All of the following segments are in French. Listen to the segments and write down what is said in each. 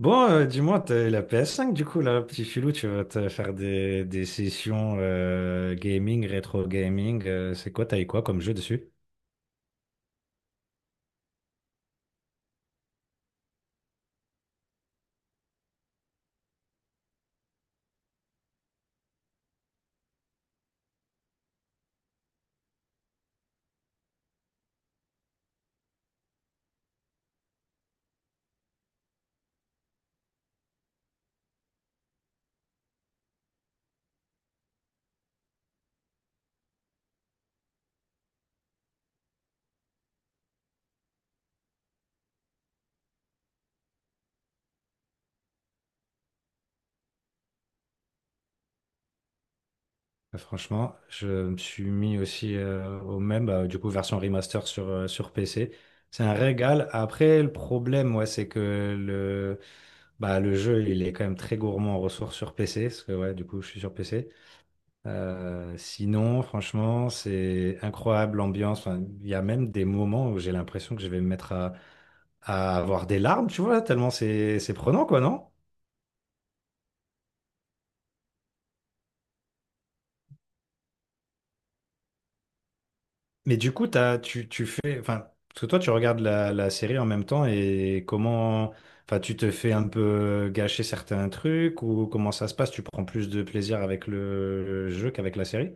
Bon, dis-moi, t'as la PS5 du coup, là, petit filou, tu vas te faire des sessions gaming, rétro gaming. C'est quoi, t'as eu quoi comme jeu dessus? Franchement, je me suis mis aussi au même, bah, du coup, version remaster sur, sur PC. C'est un régal. Après, le problème, ouais, c'est que le, bah, le jeu, il est quand même très gourmand en ressources sur PC, parce que, ouais, du coup, je suis sur PC. Sinon, franchement, c'est incroyable l'ambiance. Enfin, il y a même des moments où j'ai l'impression que je vais me mettre à avoir des larmes, tu vois, tellement c'est prenant, quoi, non? Mais du coup, tu fais, enfin, parce que toi, tu regardes la série en même temps et comment, enfin, tu te fais un peu gâcher certains trucs ou comment ça se passe? Tu prends plus de plaisir avec le jeu qu'avec la série?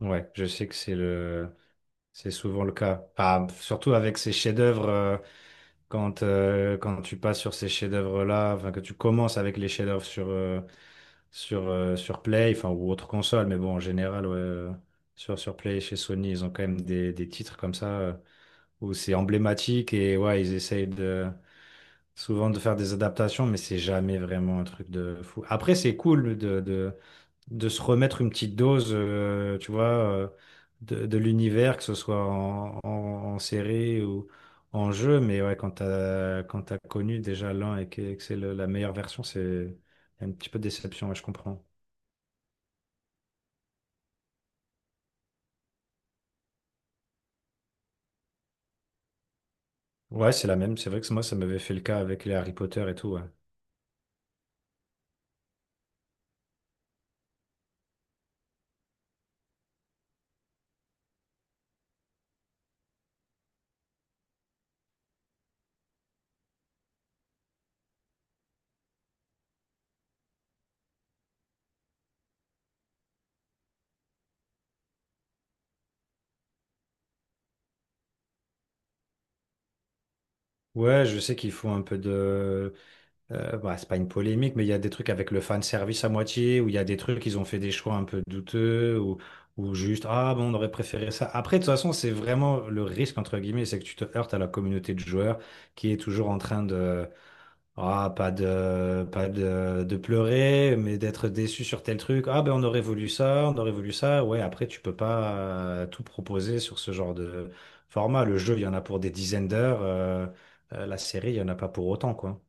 Ouais, je sais que c'est le, C'est souvent le cas. Enfin, surtout avec ces chefs-d'œuvre, quand, quand tu passes sur ces chefs-d'œuvre-là, enfin, que tu commences avec les chefs-d'œuvre sur, sur, sur Play, enfin, ou autre console, mais bon, en général, ouais, sur, sur Play, chez Sony, ils ont quand même des titres comme ça, où c'est emblématique et ouais, ils essayent de, souvent de faire des adaptations, mais c'est jamais vraiment un truc de fou. Après, c'est cool de se remettre une petite dose, tu vois, de l'univers, que ce soit en, en, en série ou en jeu. Mais ouais, quand t'as connu déjà l'un et que c'est le- la meilleure version, c'est un petit peu de déception, ouais, je comprends. Ouais, c'est la même. C'est vrai que moi, ça m'avait fait le cas avec les Harry Potter et tout, ouais. Ouais, je sais qu'ils font un peu de... Bah, c'est pas une polémique, mais il y a des trucs avec le fan service à moitié, où il y a des trucs, ils ont fait des choix un peu douteux, ou juste, ah bon, on aurait préféré ça. Après, de toute façon, c'est vraiment le risque, entre guillemets, c'est que tu te heurtes à la communauté de joueurs qui est toujours en train de, ah, pas de, de pleurer, mais d'être déçu sur tel truc. Ah ben, on aurait voulu ça, on aurait voulu ça. Ouais, après, tu peux pas tout proposer sur ce genre de format. Le jeu, il y en a pour des dizaines d'heures, la série, il y en a pas pour autant, quoi.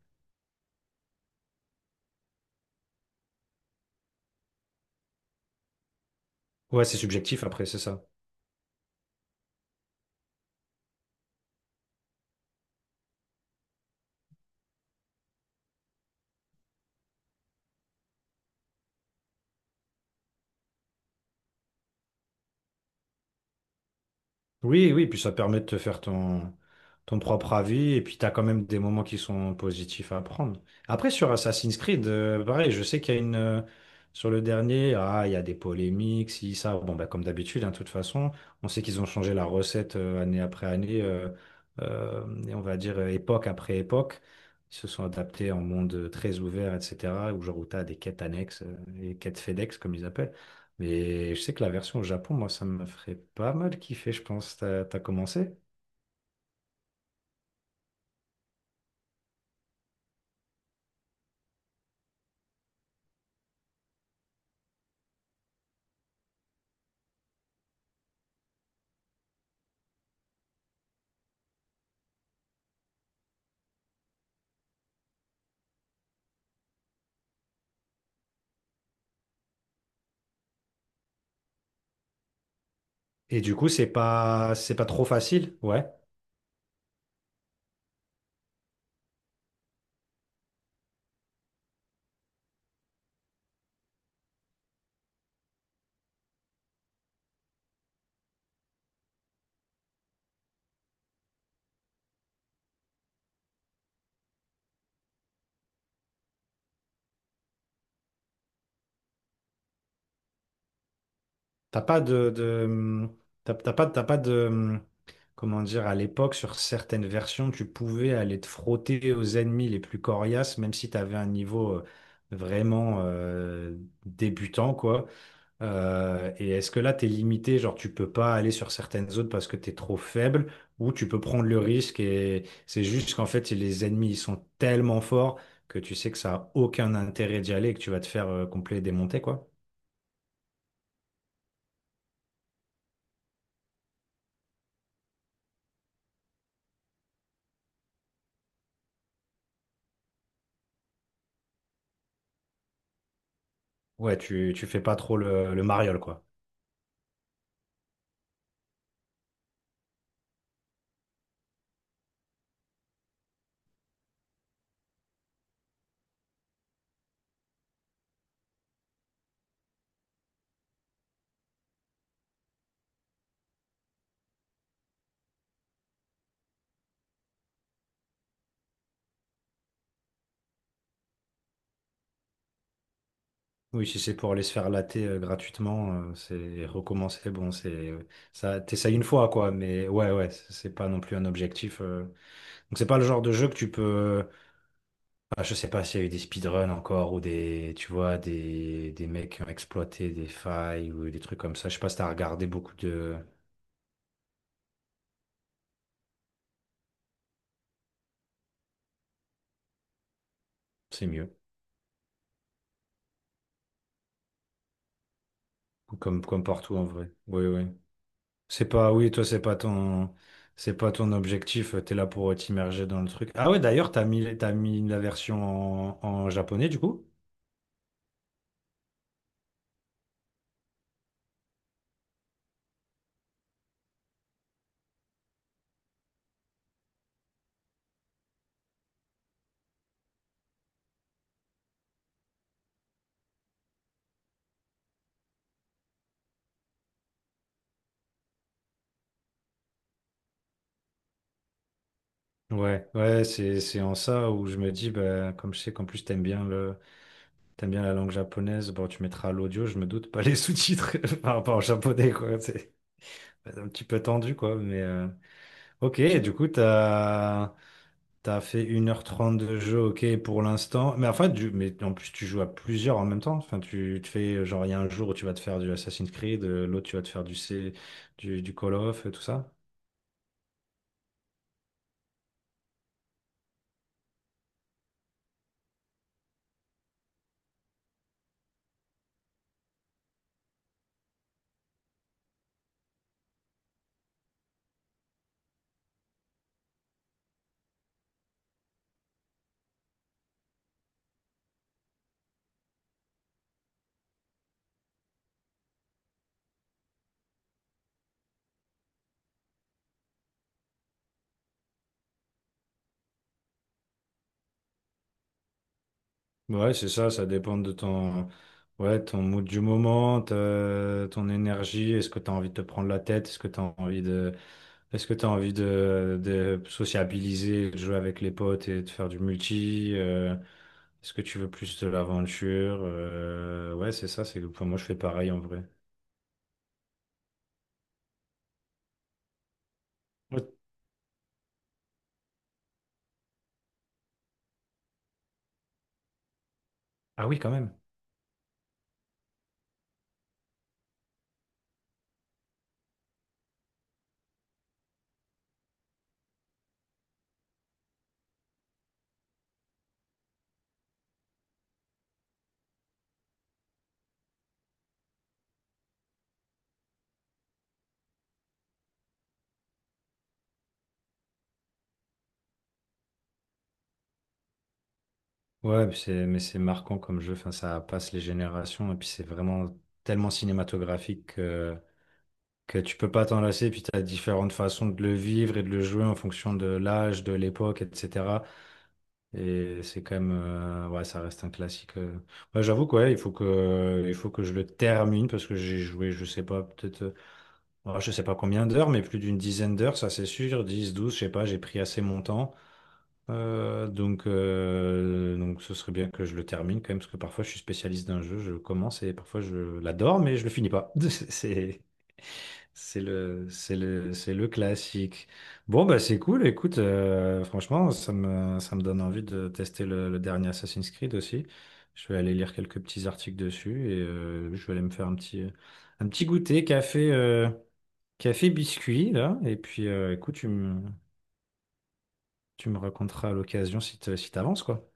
Ouais, c'est subjectif après, c'est ça. Oui, oui, puis ça permet de te faire ton, ton propre avis, et puis t'as quand même des moments qui sont positifs à prendre. Après, sur Assassin's Creed, pareil, je sais qu'il y a une... sur le dernier, ah, il y a des polémiques, si, ça, bon, bah, comme d'habitude, hein, de toute façon, on sait qu'ils ont changé la recette année après année, et on va dire époque après époque. Ils se sont adaptés en monde très ouvert, etc., où genre où t'as des quêtes annexes, et quêtes FedEx, comme ils appellent. Mais je sais que la version au Japon, moi, ça me ferait pas mal kiffer, je pense. T'as, t'as commencé? Et du coup, c'est pas trop facile, ouais. T'as pas de, de, t'as, t'as pas de, comment dire, à l'époque, sur certaines versions, tu pouvais aller te frotter aux ennemis les plus coriaces, même si t'avais un niveau vraiment débutant, quoi. Et est-ce que là, tu es limité, genre tu peux pas aller sur certaines zones parce que tu es trop faible, ou tu peux prendre le risque et c'est juste qu'en fait, les ennemis, ils sont tellement forts que tu sais que ça a aucun intérêt d'y aller et que tu vas te faire complet démonter, quoi. Ouais, tu fais pas trop le mariole, quoi. Oui, si c'est pour aller se faire latter gratuitement, c'est recommencer, bon, c'est ça, t'essayes une fois, quoi, mais ouais, ouais, c'est pas non plus un objectif. Donc c'est pas le genre de jeu que tu peux Ah, je sais pas s'il y a eu des speedruns encore ou des, tu vois, des mecs qui ont exploité des failles ou des trucs comme ça. Je sais pas si t'as regardé beaucoup de... C'est mieux. Comme, comme partout en vrai. Oui, oui. C'est pas, oui, toi, c'est pas ton objectif. T'es là pour t'immerger dans le truc. Ah ouais, d'ailleurs, t'as mis la version en, en japonais du coup? Ouais, ouais, c'est en ça où je me dis, bah, comme je sais qu'en plus t'aimes bien le, t'aimes bien la langue japonaise, bon, tu mettras l'audio, je me doute, pas les sous-titres par rapport au japonais, quoi. Un petit peu tendu, quoi. Mais ok, et du coup, t'as as fait 1h30 de jeu, ok, pour l'instant. Mais enfin, du... mais en plus, tu joues à plusieurs en même temps. Enfin, tu te fais, genre, il y a un jour où tu vas te faire du Assassin's Creed, l'autre, tu vas te faire du, C... du Call of, et tout ça. Ouais, c'est ça, ça dépend de ton, ouais, ton mood du moment, ta- ton énergie, est-ce que tu as envie de te prendre la tête, est-ce que tu as envie de. Est-ce que tu as envie de sociabiliser, de jouer avec les potes et de faire du multi? Est-ce que tu veux plus de l'aventure? Ouais, c'est ça, c'est enfin, moi je fais pareil en vrai. Ouais. Ah oui, quand même. Ouais, mais c'est marquant comme jeu, enfin, ça passe les générations et puis c'est vraiment tellement cinématographique que tu peux pas t'en lasser, puis tu as différentes façons de le vivre et de le jouer en fonction de l'âge, de l'époque, etc. Et c'est quand même, ouais, ça reste un classique. Ouais, j'avoue que ouais, il faut que je le termine parce que j'ai joué, je sais pas, peut-être, ouais, je sais pas combien d'heures, mais plus d'une dizaine d'heures, ça c'est sûr, 10 12 je sais pas, j'ai pris assez mon temps. Donc ce serait bien que je le termine quand même, parce que parfois je suis spécialiste d'un jeu, je commence et parfois je l'adore, mais je le finis pas. C'est, c'est le classique. Bon, bah c'est cool, écoute, franchement, ça me donne envie de tester le dernier Assassin's Creed aussi. Je vais aller lire quelques petits articles dessus et je vais aller me faire un petit goûter café, café biscuit, là. Et puis, écoute, tu me raconteras à l'occasion si te- si t'avances, quoi.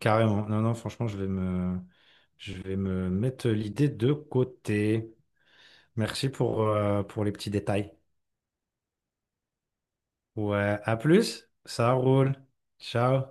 Carrément. Non, non, franchement, je vais me mettre l'idée de côté. Merci pour les petits détails. Ouais, à plus. Ça roule. Ciao.